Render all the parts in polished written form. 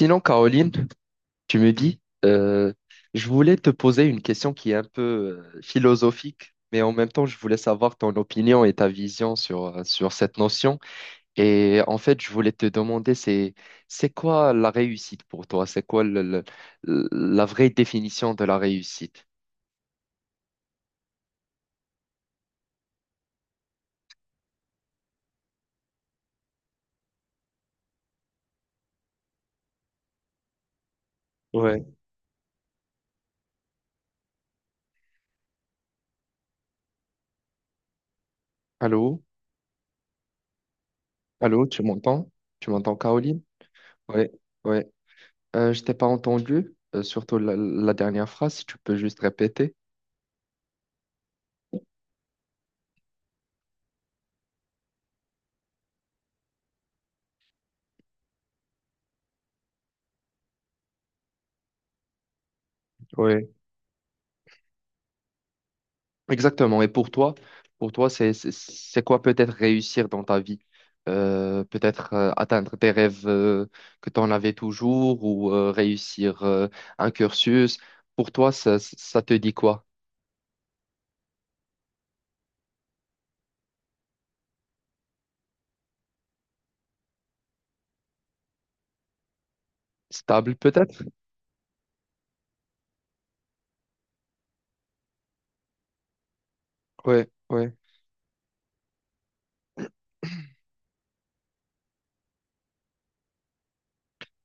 Sinon, Caroline, tu me dis, euh, je voulais te poser une question qui est un peu philosophique, mais en même temps, je voulais savoir ton opinion et ta vision sur, sur cette notion. Et en fait, je voulais te demander, c'est quoi la réussite pour toi? C'est quoi la vraie définition de la réussite? Ouais. Allô? Allô, tu m'entends? Tu m'entends, Caroline? Ouais, ouais. Je t'ai pas entendu, surtout la dernière phrase, si tu peux juste répéter. Ouais. Exactement. Et pour toi, c'est quoi peut-être réussir dans ta vie? Peut-être atteindre tes rêves que tu en avais toujours ou réussir un cursus. Pour toi, ça te dit quoi? Stable peut-être? Ouais, ouais.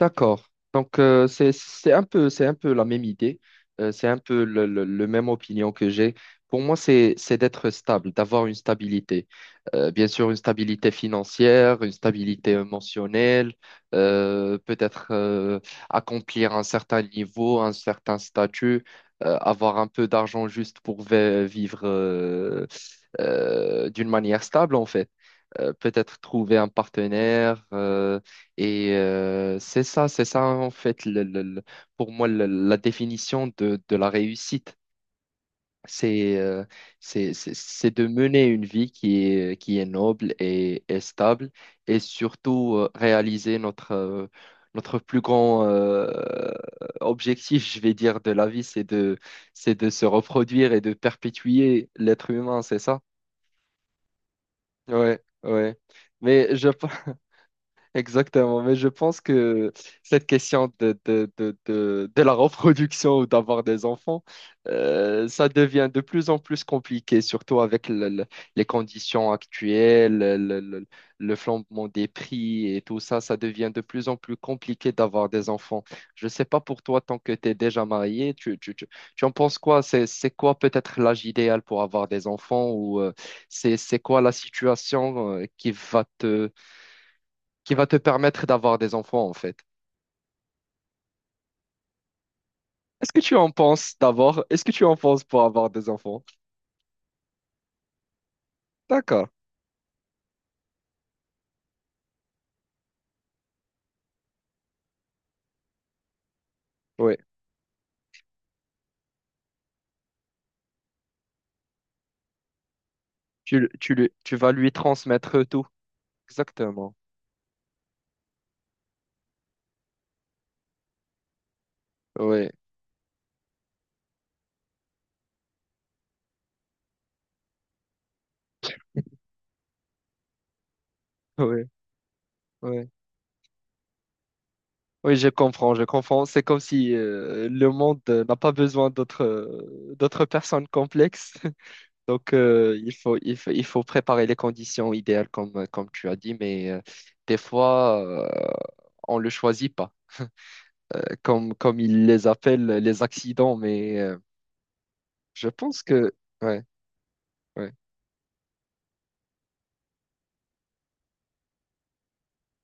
D'accord. Donc, c'est un peu la même idée. C'est un peu le même opinion que j'ai. Pour moi, c'est d'être stable, d'avoir une stabilité. Bien sûr, une stabilité financière, une stabilité émotionnelle, peut-être accomplir un certain niveau, un certain statut, avoir un peu d'argent juste pour vivre d'une manière stable, en fait peut-être trouver un partenaire. Et c'est ça en fait, pour moi, la définition de la réussite. C'est euh, c'est c'est de mener une vie qui est noble et stable et surtout réaliser notre, notre plus grand objectif, je vais dire, de la vie, c'est de se reproduire et de perpétuer l'être humain, c'est ça? Ouais, ouais. Mais je, exactement, mais je pense que cette question de la reproduction ou d'avoir des enfants, ça devient de plus en plus compliqué, surtout avec les conditions actuelles, le flambement des prix et tout ça, ça devient de plus en plus compliqué d'avoir des enfants. Je ne sais pas pour toi, tant que tu es déjà marié, tu en penses quoi? C'est quoi peut-être l'âge idéal pour avoir des enfants ou c'est quoi la situation qui va te permettre d'avoir des enfants, en fait. Est-ce que tu en penses d'abord? Est-ce que tu en penses pour avoir des enfants? D'accord, oui. Tu vas lui transmettre tout. Exactement. Oui, oui, oui. Oui, je comprends, je comprends. C'est comme si le monde n'a pas besoin d'autres d'autres personnes complexes. Donc, il faut préparer les conditions idéales, comme tu as dit, mais des fois, on ne le choisit pas, comme ils les appellent les accidents, mais. Je pense que, ouais, ouais,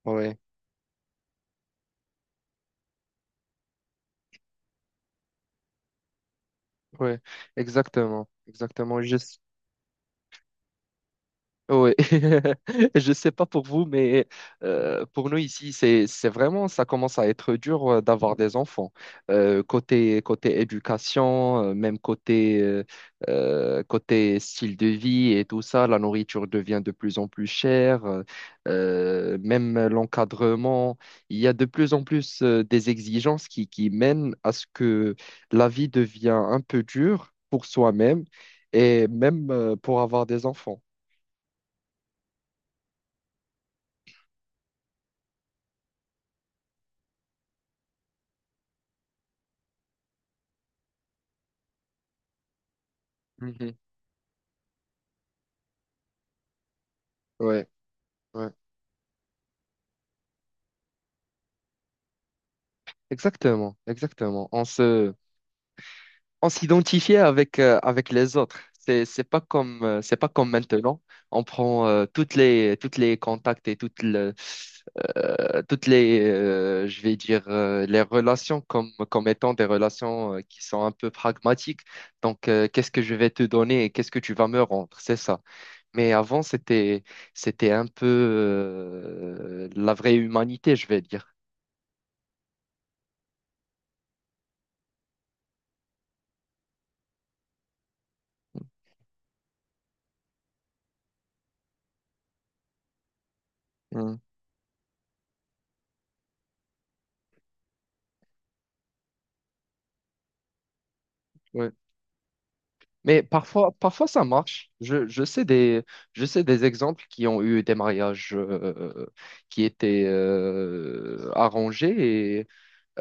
ouais, ouais, exactement, exactement. Je, oui, je sais pas pour vous, mais pour nous ici, c'est vraiment, ça commence à être dur d'avoir des enfants. Côté éducation, même côté côté style de vie et tout ça, la nourriture devient de plus en plus chère. Même l'encadrement, il y a de plus en plus des exigences qui mènent à ce que la vie devient un peu dure pour soi-même et même pour avoir des enfants. Ouais, ouais. Exactement, exactement. On se, on s'identifiait avec, avec les autres. C'est pas comme maintenant. On prend toutes les contacts et toutes les, je vais dire, les relations comme étant des relations qui sont un peu pragmatiques. Donc, qu'est-ce que je vais te donner et qu'est-ce que tu vas me rendre? C'est ça. Mais avant, c'était un peu la vraie humanité, je vais dire. Oui, mais parfois, parfois ça marche. Je sais des exemples qui ont eu des mariages qui étaient arrangés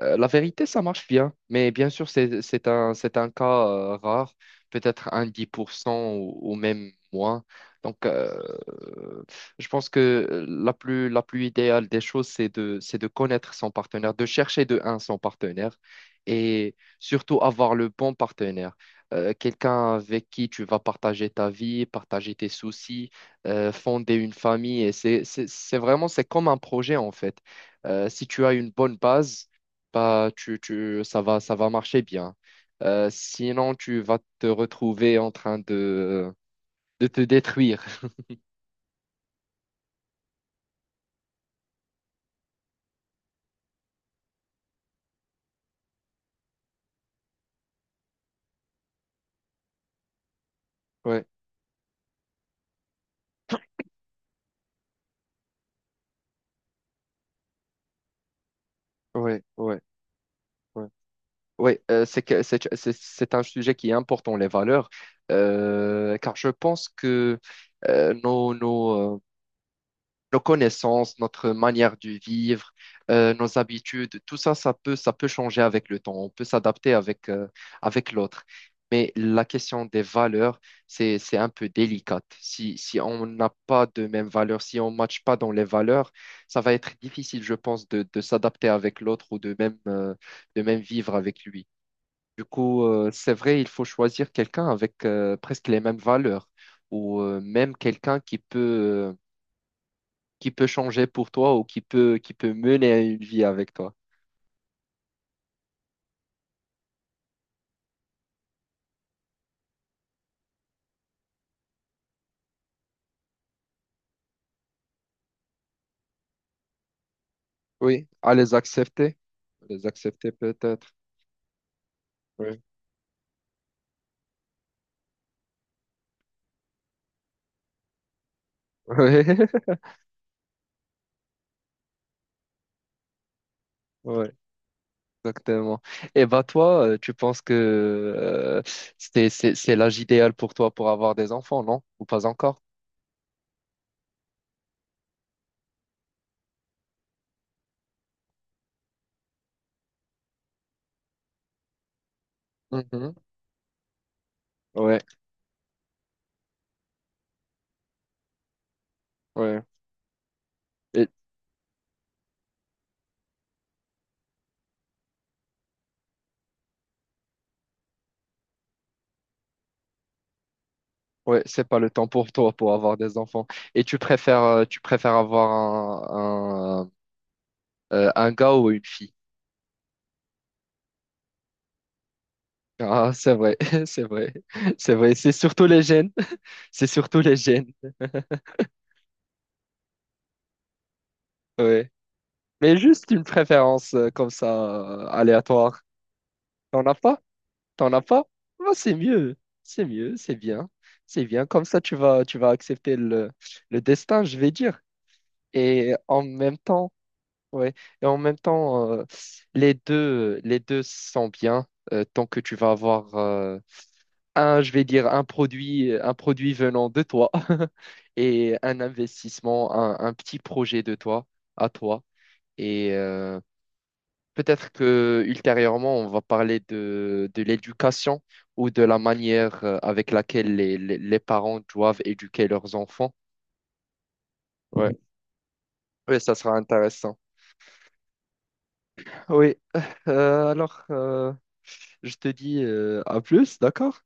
la vérité, ça marche bien, mais bien sûr, c'est un cas rare, peut-être un 10% ou même moins. Donc, je pense que la plus idéale des choses, c'est de connaître son partenaire, de chercher de un son partenaire et surtout avoir le bon partenaire. Quelqu'un avec qui tu vas partager ta vie, partager tes soucis, fonder une famille. Et c'est vraiment, c'est comme un projet en fait. Si tu as une bonne base, bah, ça va marcher bien. Sinon, tu vas te retrouver en train de te détruire. Ouais, ouais, ouais, ouais. Ouais, c'est que c'est un sujet qui est important, les valeurs. Car je pense que euh, nos, nos, euh, nos connaissances, notre manière de vivre, nos habitudes, tout ça, ça peut changer avec le temps. On peut s'adapter avec, avec l'autre. Mais la question des valeurs, c'est un peu délicate. Si on n'a pas de mêmes valeurs, si on ne matche pas dans les valeurs, ça va être difficile, je pense, de s'adapter avec l'autre ou de même vivre avec lui. Du coup, c'est vrai, il faut choisir quelqu'un avec presque les mêmes valeurs ou même quelqu'un qui peut changer pour toi ou qui peut mener à une vie avec toi. Oui, à les accepter. Les accepter peut-être. Oui, oui, oui, exactement. Et bah toi, tu penses que c'est l'âge idéal pour toi pour avoir des enfants, non? Ou pas encore? Mhm. Ouais, ouais. Et, ouais, c'est pas le temps pour toi pour avoir des enfants. Et tu préfères avoir un, un, un gars ou une fille? Ah, c'est vrai, c'est vrai, c'est vrai. C'est surtout les gènes. C'est surtout les gènes, ouais. Mais juste une préférence comme ça, aléatoire. T'en as pas? T'en as pas? Ah, c'est mieux. C'est mieux, c'est bien. C'est bien. Comme ça, tu vas accepter le destin, je vais dire. Et en même temps, ouais. Et en même temps, les deux sont bien. Tant que tu vas avoir un, je vais dire, un produit venant de toi et un investissement, un petit projet de toi, à toi. Et peut-être que ultérieurement, on va parler de l'éducation ou de la manière avec laquelle les parents doivent éduquer leurs enfants. Ouais. Oui, ça sera intéressant. Oui, Alors, je te dis à plus, d'accord?